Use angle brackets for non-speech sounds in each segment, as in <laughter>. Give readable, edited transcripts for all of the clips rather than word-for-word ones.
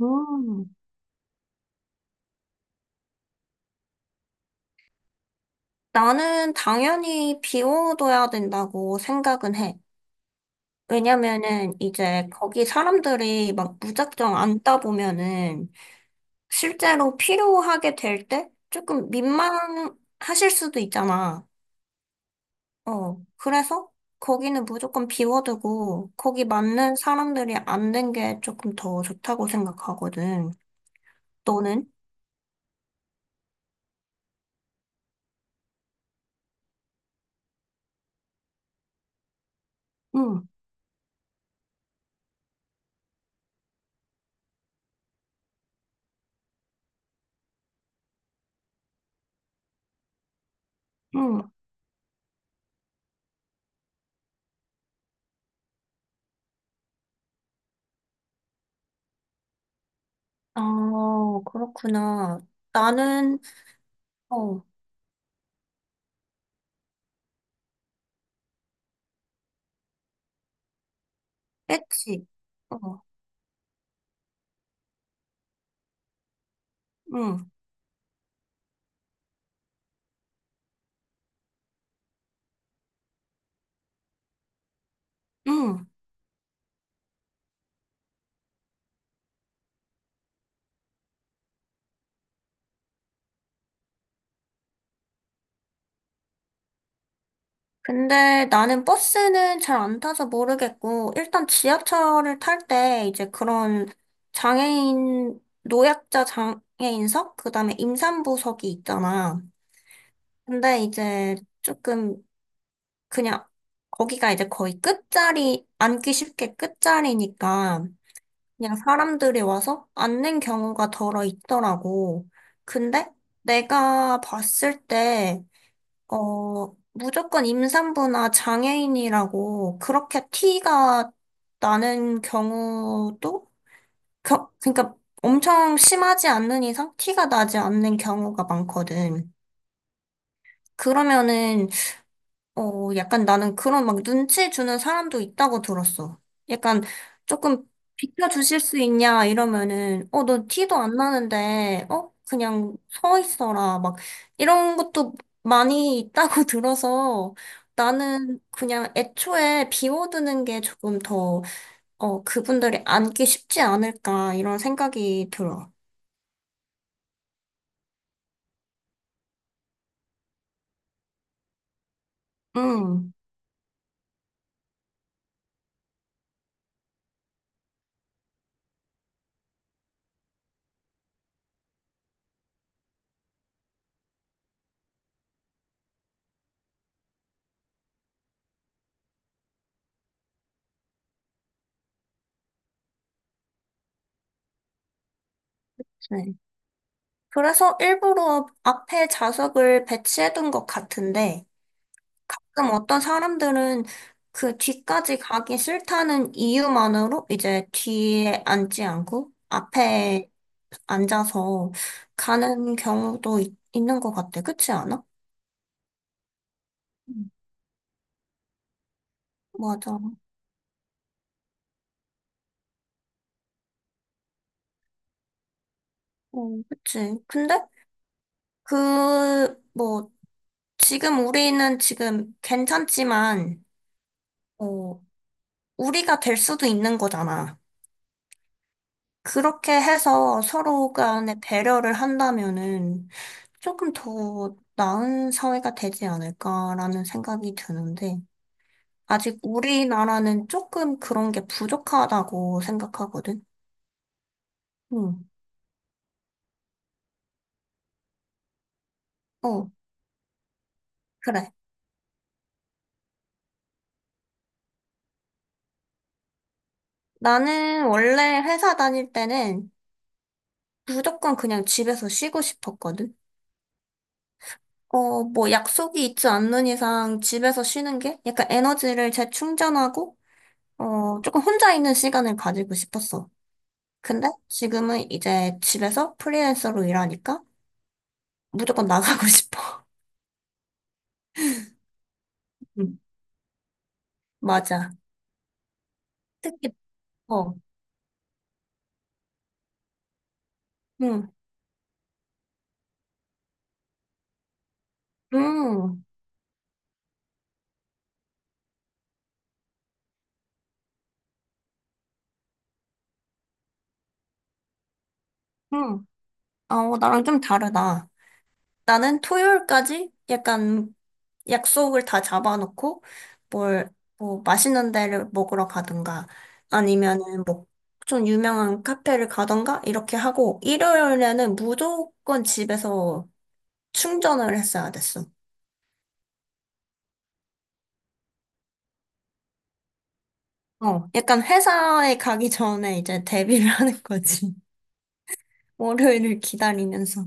음, 나는 당연히 비워둬야 된다고 생각은 해. 왜냐면은 이제 거기 사람들이 막 무작정 앉다 보면은 실제로 필요하게 될 때 조금 민망하실 수도 있잖아. 그래서 거기는 무조건 비워두고 거기 맞는 사람들이 앉는 게 조금 더 좋다고 생각하거든. 너는? 응, 응. 아, 그렇구나. 나는, 어, 그치? 어, 응, 응. 근데 나는 버스는 잘 안 타서 모르겠고, 일단 지하철을 탈 때 이제 그런 장애인, 노약자 장애인석? 그 다음에 임산부석이 있잖아. 근데 이제 조금 그냥 거기가 이제 거의 끝자리, 앉기 쉽게 끝자리니까 그냥 사람들이 와서 앉는 경우가 덜어 있더라고. 근데 내가 봤을 때 무조건 임산부나 장애인이라고 그렇게 티가 나는 경우도, 그러니까 엄청 심하지 않는 이상 티가 나지 않는 경우가 많거든. 그러면은 약간 나는 그런 막 눈치 주는 사람도 있다고 들었어. 약간 조금 비켜주실 수 있냐 이러면은, 너 티도 안 나는데, 그냥 서 있어라. 막 이런 것도 많이 있다고 <laughs> 들어서 나는 그냥 애초에 비워두는 게 조금 더, 그분들이 앉기 쉽지 않을까 이런 생각이 들어. 음, 네. 그래서 일부러 앞에 좌석을 배치해둔 것 같은데, 가끔 어떤 사람들은 그 뒤까지 가기 싫다는 이유만으로 이제 뒤에 앉지 않고 앞에 앉아서 가는 경우도 있, 는것 같아. 그렇지 않아? 음. 맞아. 어, 그치. 근데 그, 뭐, 지금 우리는 지금 괜찮지만, 어, 우리가 될 수도 있는 거잖아. 그렇게 해서 서로 간에 배려를 한다면은, 조금 더 나은 사회가 되지 않을까라는 생각이 드는데, 아직 우리나라는 조금 그런 게 부족하다고 생각하거든. 응, 어, 그래. 나는 원래 회사 다닐 때는 무조건 그냥 집에서 쉬고 싶었거든. 뭐 약속이 있지 않는 이상 집에서 쉬는 게 약간 에너지를 재충전하고, 조금 혼자 있는 시간을 가지고 싶었어. 근데 지금은 이제 집에서 프리랜서로 일하니까 무조건 나가고 <laughs> 싶어. 맞아. 특히, 어, 응, 응, 응. 아, 어, 나랑 좀 다르다. 나는 토요일까지 약간 약속을 다 잡아놓고 뭘, 맛있는 데를 먹으러 가든가 아니면은 뭐, 좀 유명한 카페를 가든가 이렇게 하고 일요일에는 무조건 집에서 충전을 했어야 됐어. 어, 약간 회사에 가기 전에 이제 데뷔를 하는 거지. <laughs> 월요일을 기다리면서.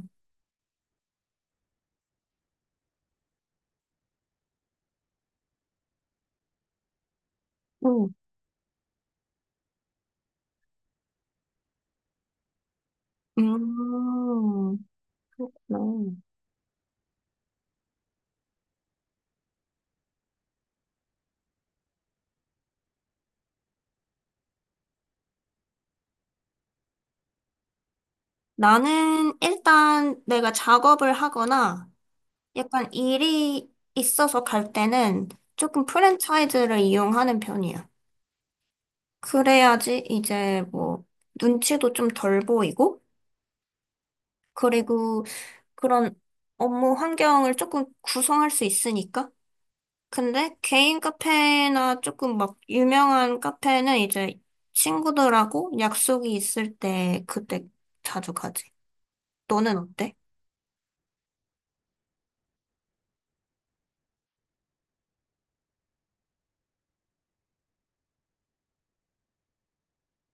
응. 음. 그렇구나. 나는 일단 내가 작업을 하거나 약간 일이 있어서 갈 때는 조금 프랜차이즈를 이용하는 편이야. 그래야지 이제 뭐 눈치도 좀 덜 보이고, 그리고 그런 업무 환경을 조금 구성할 수 있으니까. 근데 개인 카페나 조금 막 유명한 카페는 이제 친구들하고 약속이 있을 때 그때 자주 가지. 너는 어때?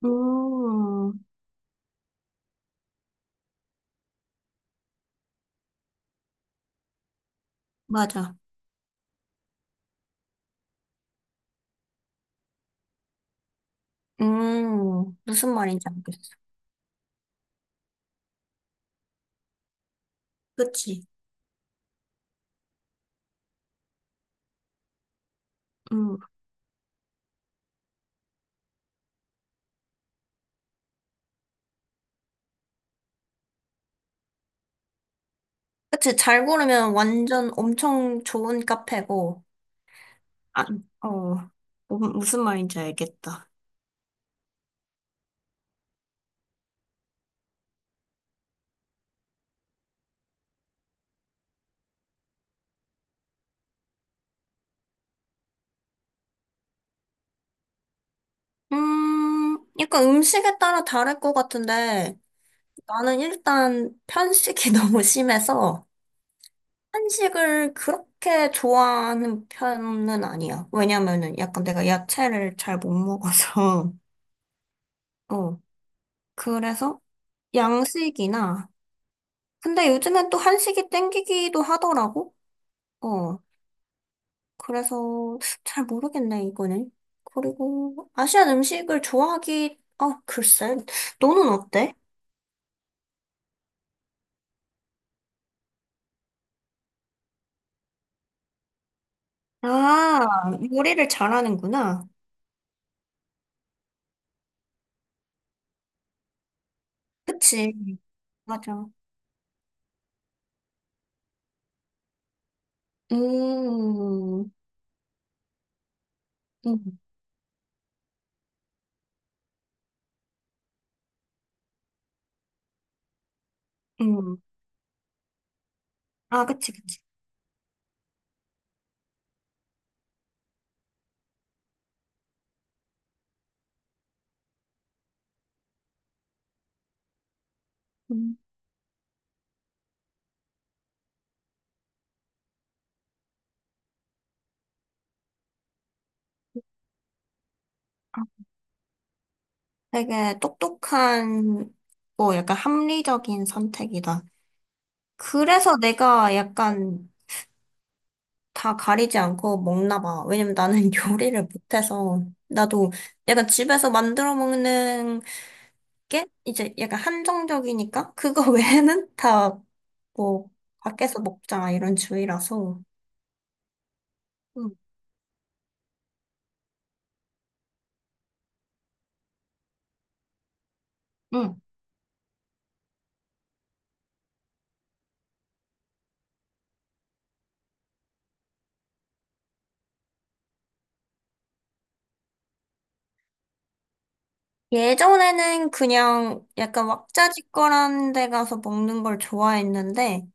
음. 맞아. 무슨 말인지 알겠어. 그치. 음. 그치. 잘 고르면 완전 엄청 좋은 카페고, 아, 어, 뭐, 무슨 말인지 알겠다. 약간 음식에 따라 다를 것 같은데, 나는 일단 편식이 <laughs> 너무 심해서, 한식을 그렇게 좋아하는 편은 아니야. 왜냐면은 약간 내가 야채를 잘 못 먹어서, <laughs> 어, 그래서 양식이나, 근데 요즘엔 또 한식이 땡기기도 하더라고. 어. 그래서 잘 모르겠네, 이거는. 그리고 아시안 음식을 좋아하기, 어, 글쎄. 너는 어때? 아, 요리를 잘하는구나. 그치, 맞아. 음, 음, 음. 아, 그치, 그치. 음. 아, 되게 똑똑한, 뭐, 약간 합리적인 선택이다. 그래서 내가 약간 다 가리지 않고 먹나 봐. 왜냐면 나는 <laughs> 요리를 못해서 나도 약간 집에서 만들어 먹는 게 이제 약간 한정적이니까 그거 <laughs> 외에는 다 뭐 밖에서 먹자 이런 주의라서. 음. 응. 응. 예전에는 그냥 약간 왁자지껄한 데 가서 먹는 걸 좋아했는데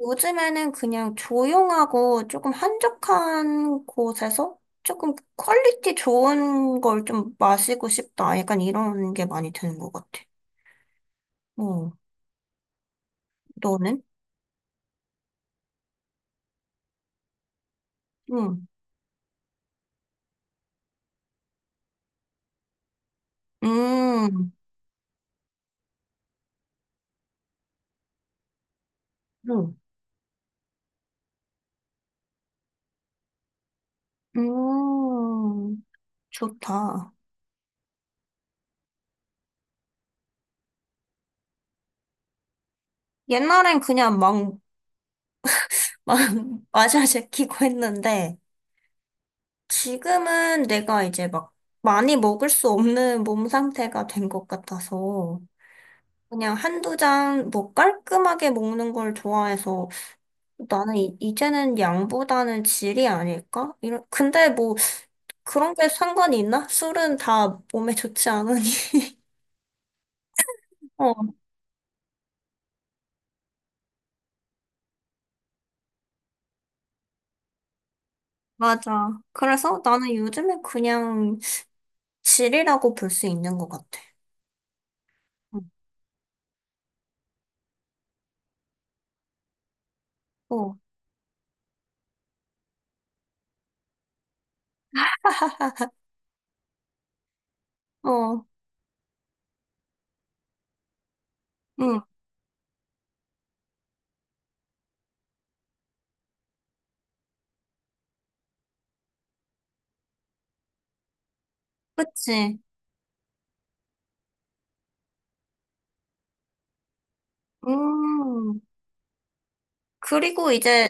요즘에는 그냥 조용하고 조금 한적한 곳에서 조금 퀄리티 좋은 걸 좀 마시고 싶다. 약간 이런 게 많이 드는 것 같아. 어, 너는? 응. 음, 응. 음, 좋다. 옛날엔 그냥 막, <laughs> 마샤 제키고 했는데, 지금은 내가 이제 막 많이 먹을 수 없는 몸 상태가 된 것 같아서, 그냥 한두 잔 뭐 깔끔하게 먹는 걸 좋아해서 나는 이제는 양보다는 질이 아닐까? 이런, 근데 뭐 그런 게 상관이 있나? 술은 다 몸에 좋지 않으니. <laughs> 어, 맞아. 그래서 나는 요즘에 그냥 질이라고 볼 수 있는 것 같아. 응. 어, 어, 응, 그치. 음, 그리고 이제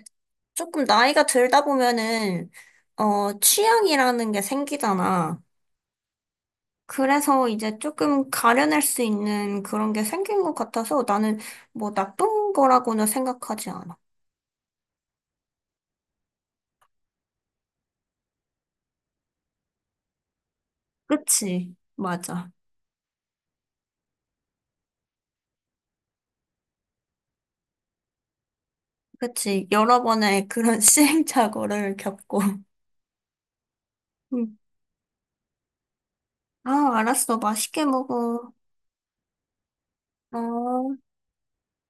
조금 나이가 들다 보면은, 취향이라는 게 생기잖아. 그래서 이제 조금 가려낼 수 있는 그런 게 생긴 것 같아서 나는 뭐 나쁜 거라고는 생각하지 않아. 그치, 맞아. 그치, 여러 번의 그런 <laughs> 시행착오를 겪고. 음. 아, 알았어. 맛있게 먹어. 어.